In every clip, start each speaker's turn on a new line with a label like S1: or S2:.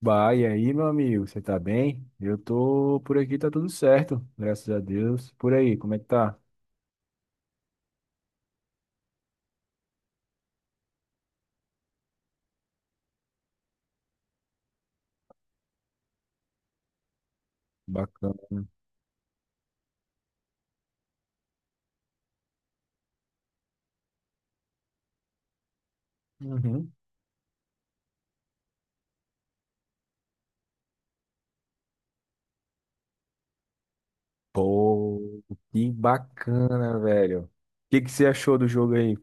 S1: Bah, e aí, meu amigo, você tá bem? Eu tô por aqui, tá tudo certo, graças a Deus. Por aí, como é que tá? Bacana. Uhum. Pô, que bacana, velho. O que você achou do jogo aí?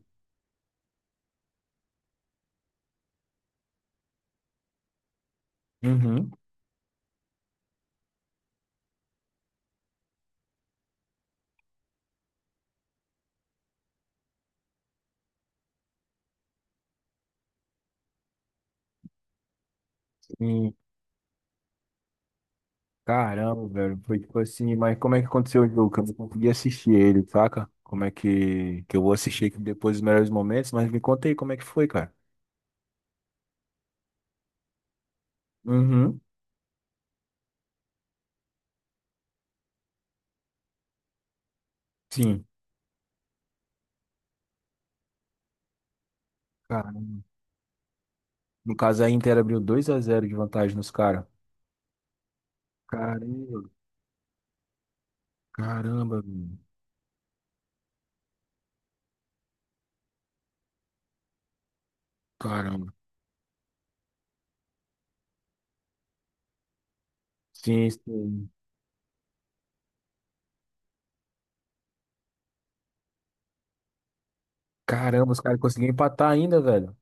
S1: Uhum. Sim. Caramba, velho, foi tipo assim, mas como é que aconteceu o jogo? Que eu não consegui assistir ele, saca? Como é que eu vou assistir aqui depois dos melhores momentos, mas me conta aí como é que foi, cara. Uhum. Sim. Cara, no caso a Inter abriu 2-0 de vantagem nos caras. Caramba. Caramba, velho. Caramba. Sim, sim. Caramba, os caras conseguiram empatar ainda, velho.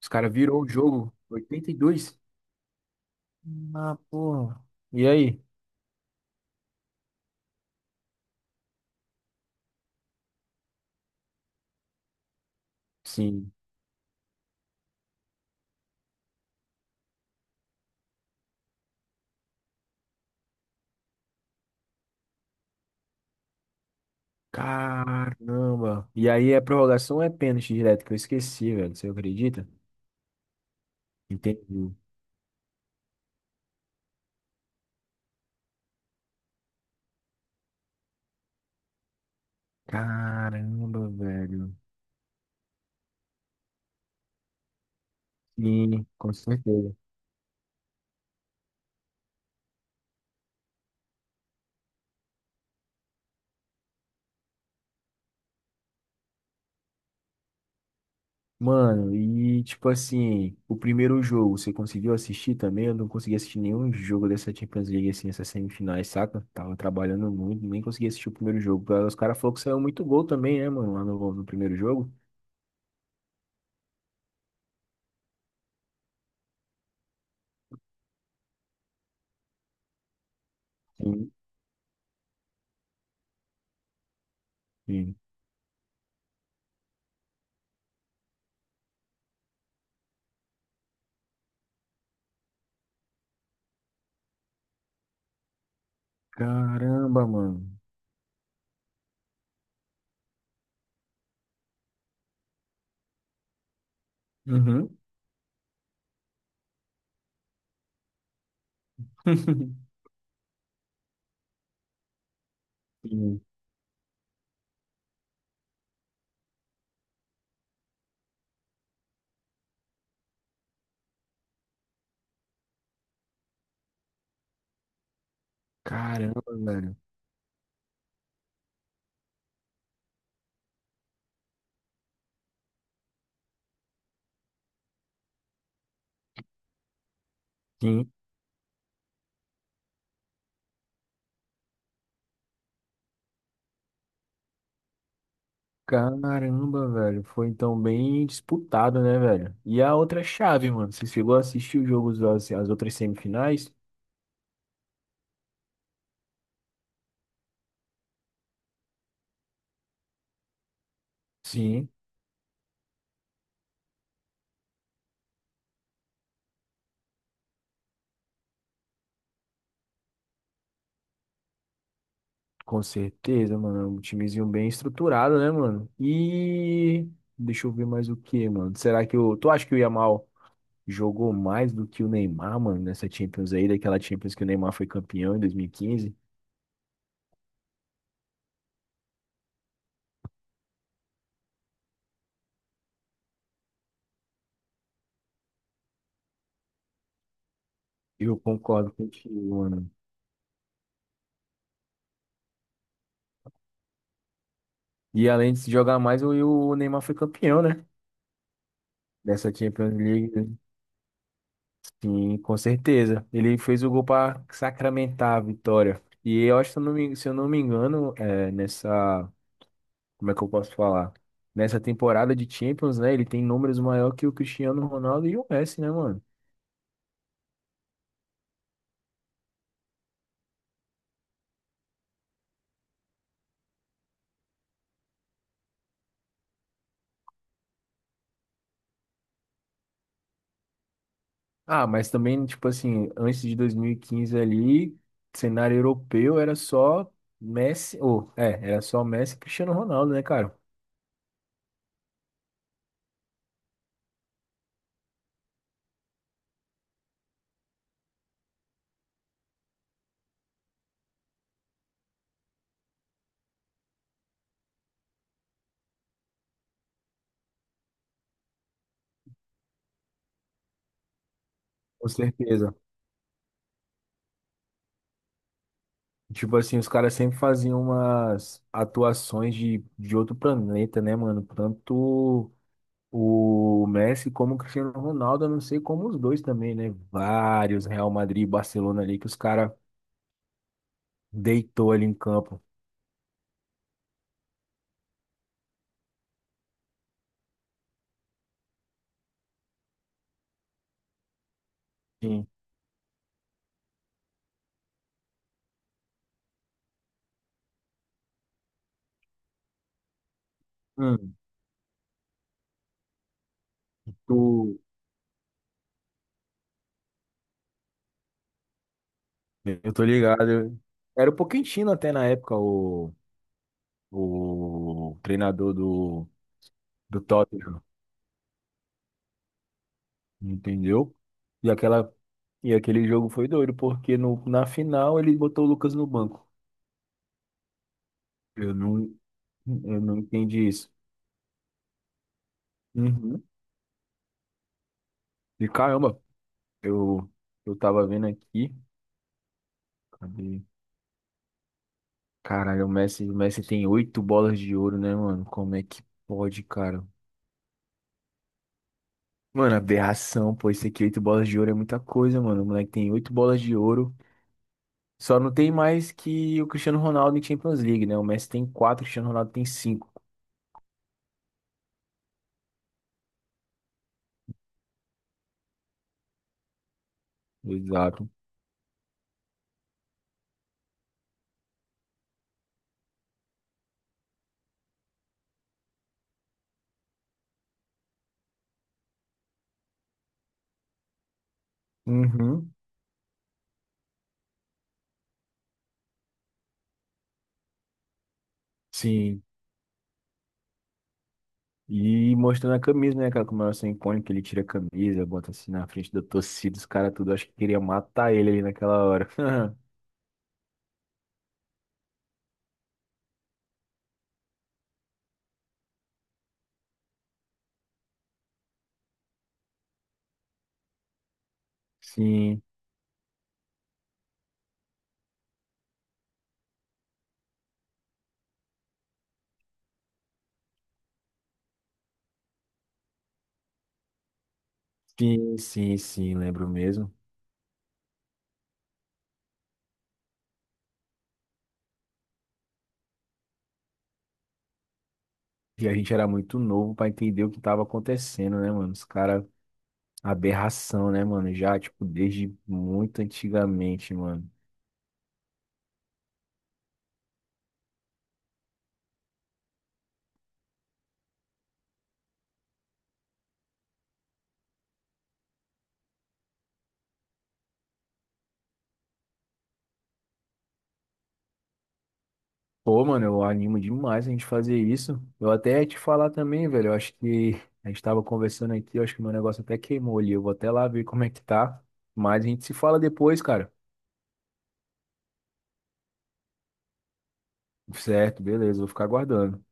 S1: Os caras virou o jogo. 82. Ah, porra. E aí? Sim. Caramba. E aí é prorrogação ou é pênalti direto? Que eu esqueci, velho. Você acredita? Entendi. Caramba, velho. Sim, com certeza. Mano, e tipo assim, o primeiro jogo, você conseguiu assistir também? Eu não consegui assistir nenhum jogo dessa Champions League, assim, essas semifinais, saca? Tava trabalhando muito, nem consegui assistir o primeiro jogo. Os caras falaram que saiu muito gol também, né, mano, lá no primeiro jogo. Sim. Sim. Caramba, mano. Uhum. Sim. Caramba, velho. Sim. Caramba, velho. Foi então bem disputado, né, velho? E a outra chave, mano? Você chegou a assistir os jogos, as outras semifinais? Sim. Com certeza, mano. É um timezinho bem estruturado, né, mano? E deixa eu ver mais o que, mano. Será que o. Tu acha que o Yamal jogou mais do que o Neymar, mano, nessa Champions aí, daquela Champions que o Neymar foi campeão em 2015. Eu concordo contigo, mano. E além de se jogar mais, o Neymar foi campeão, né? Dessa Champions League, né? Sim, com certeza. Ele fez o gol para sacramentar a vitória. E eu acho, se eu não me engano, é, nessa. Como é que eu posso falar? Nessa temporada de Champions, né? Ele tem números maior que o Cristiano Ronaldo e o Messi, né, mano? Ah, mas também, tipo assim, antes de 2015 ali, cenário europeu era só era só Messi e Cristiano Ronaldo, né, cara? Com certeza. Tipo assim, os caras sempre faziam umas atuações de outro planeta, né, mano? Tanto o Messi como o Cristiano Ronaldo, eu não sei como os dois também, né? Vários, Real Madrid e Barcelona ali, que os caras deitou ali em campo. Sim. Hum, tu... eu tô ligado. Era o Pochettino até na época, o treinador do Tottenham, entendeu? E aquela, e aquele jogo foi doido, porque no, na final ele botou o Lucas no banco. Eu não, eu não entendi isso. Uhum. E caramba, eu, eu tava vendo aqui. Cadê? Caralho, o Messi tem oito bolas de ouro, né, mano? Como é que pode, cara? Mano, aberração, pô. Isso aqui, oito bolas de ouro é muita coisa, mano. O moleque tem oito bolas de ouro. Só não tem mais que o Cristiano Ronaldo em Champions League, né? O Messi tem quatro, o Cristiano Ronaldo tem cinco. Exato. Uhum, sim. E mostrando a camisa, né? Aquela comemoração icônica que ele tira a camisa, bota assim na frente da torcida, os caras tudo. Acho que queria matar ele ali naquela hora. Sim, sim, sim, sim, lembro mesmo. E a gente era muito novo pra entender o que tava acontecendo, né, mano? Os caras aberração, né, mano? Já, tipo, desde muito antigamente, mano. Pô, mano, eu animo demais a gente fazer isso. Eu até ia te falar também, velho. Eu acho que a gente tava conversando aqui, eu acho que meu negócio até queimou ali. Eu vou até lá ver como é que tá. Mas a gente se fala depois, cara. Certo, beleza, vou ficar aguardando.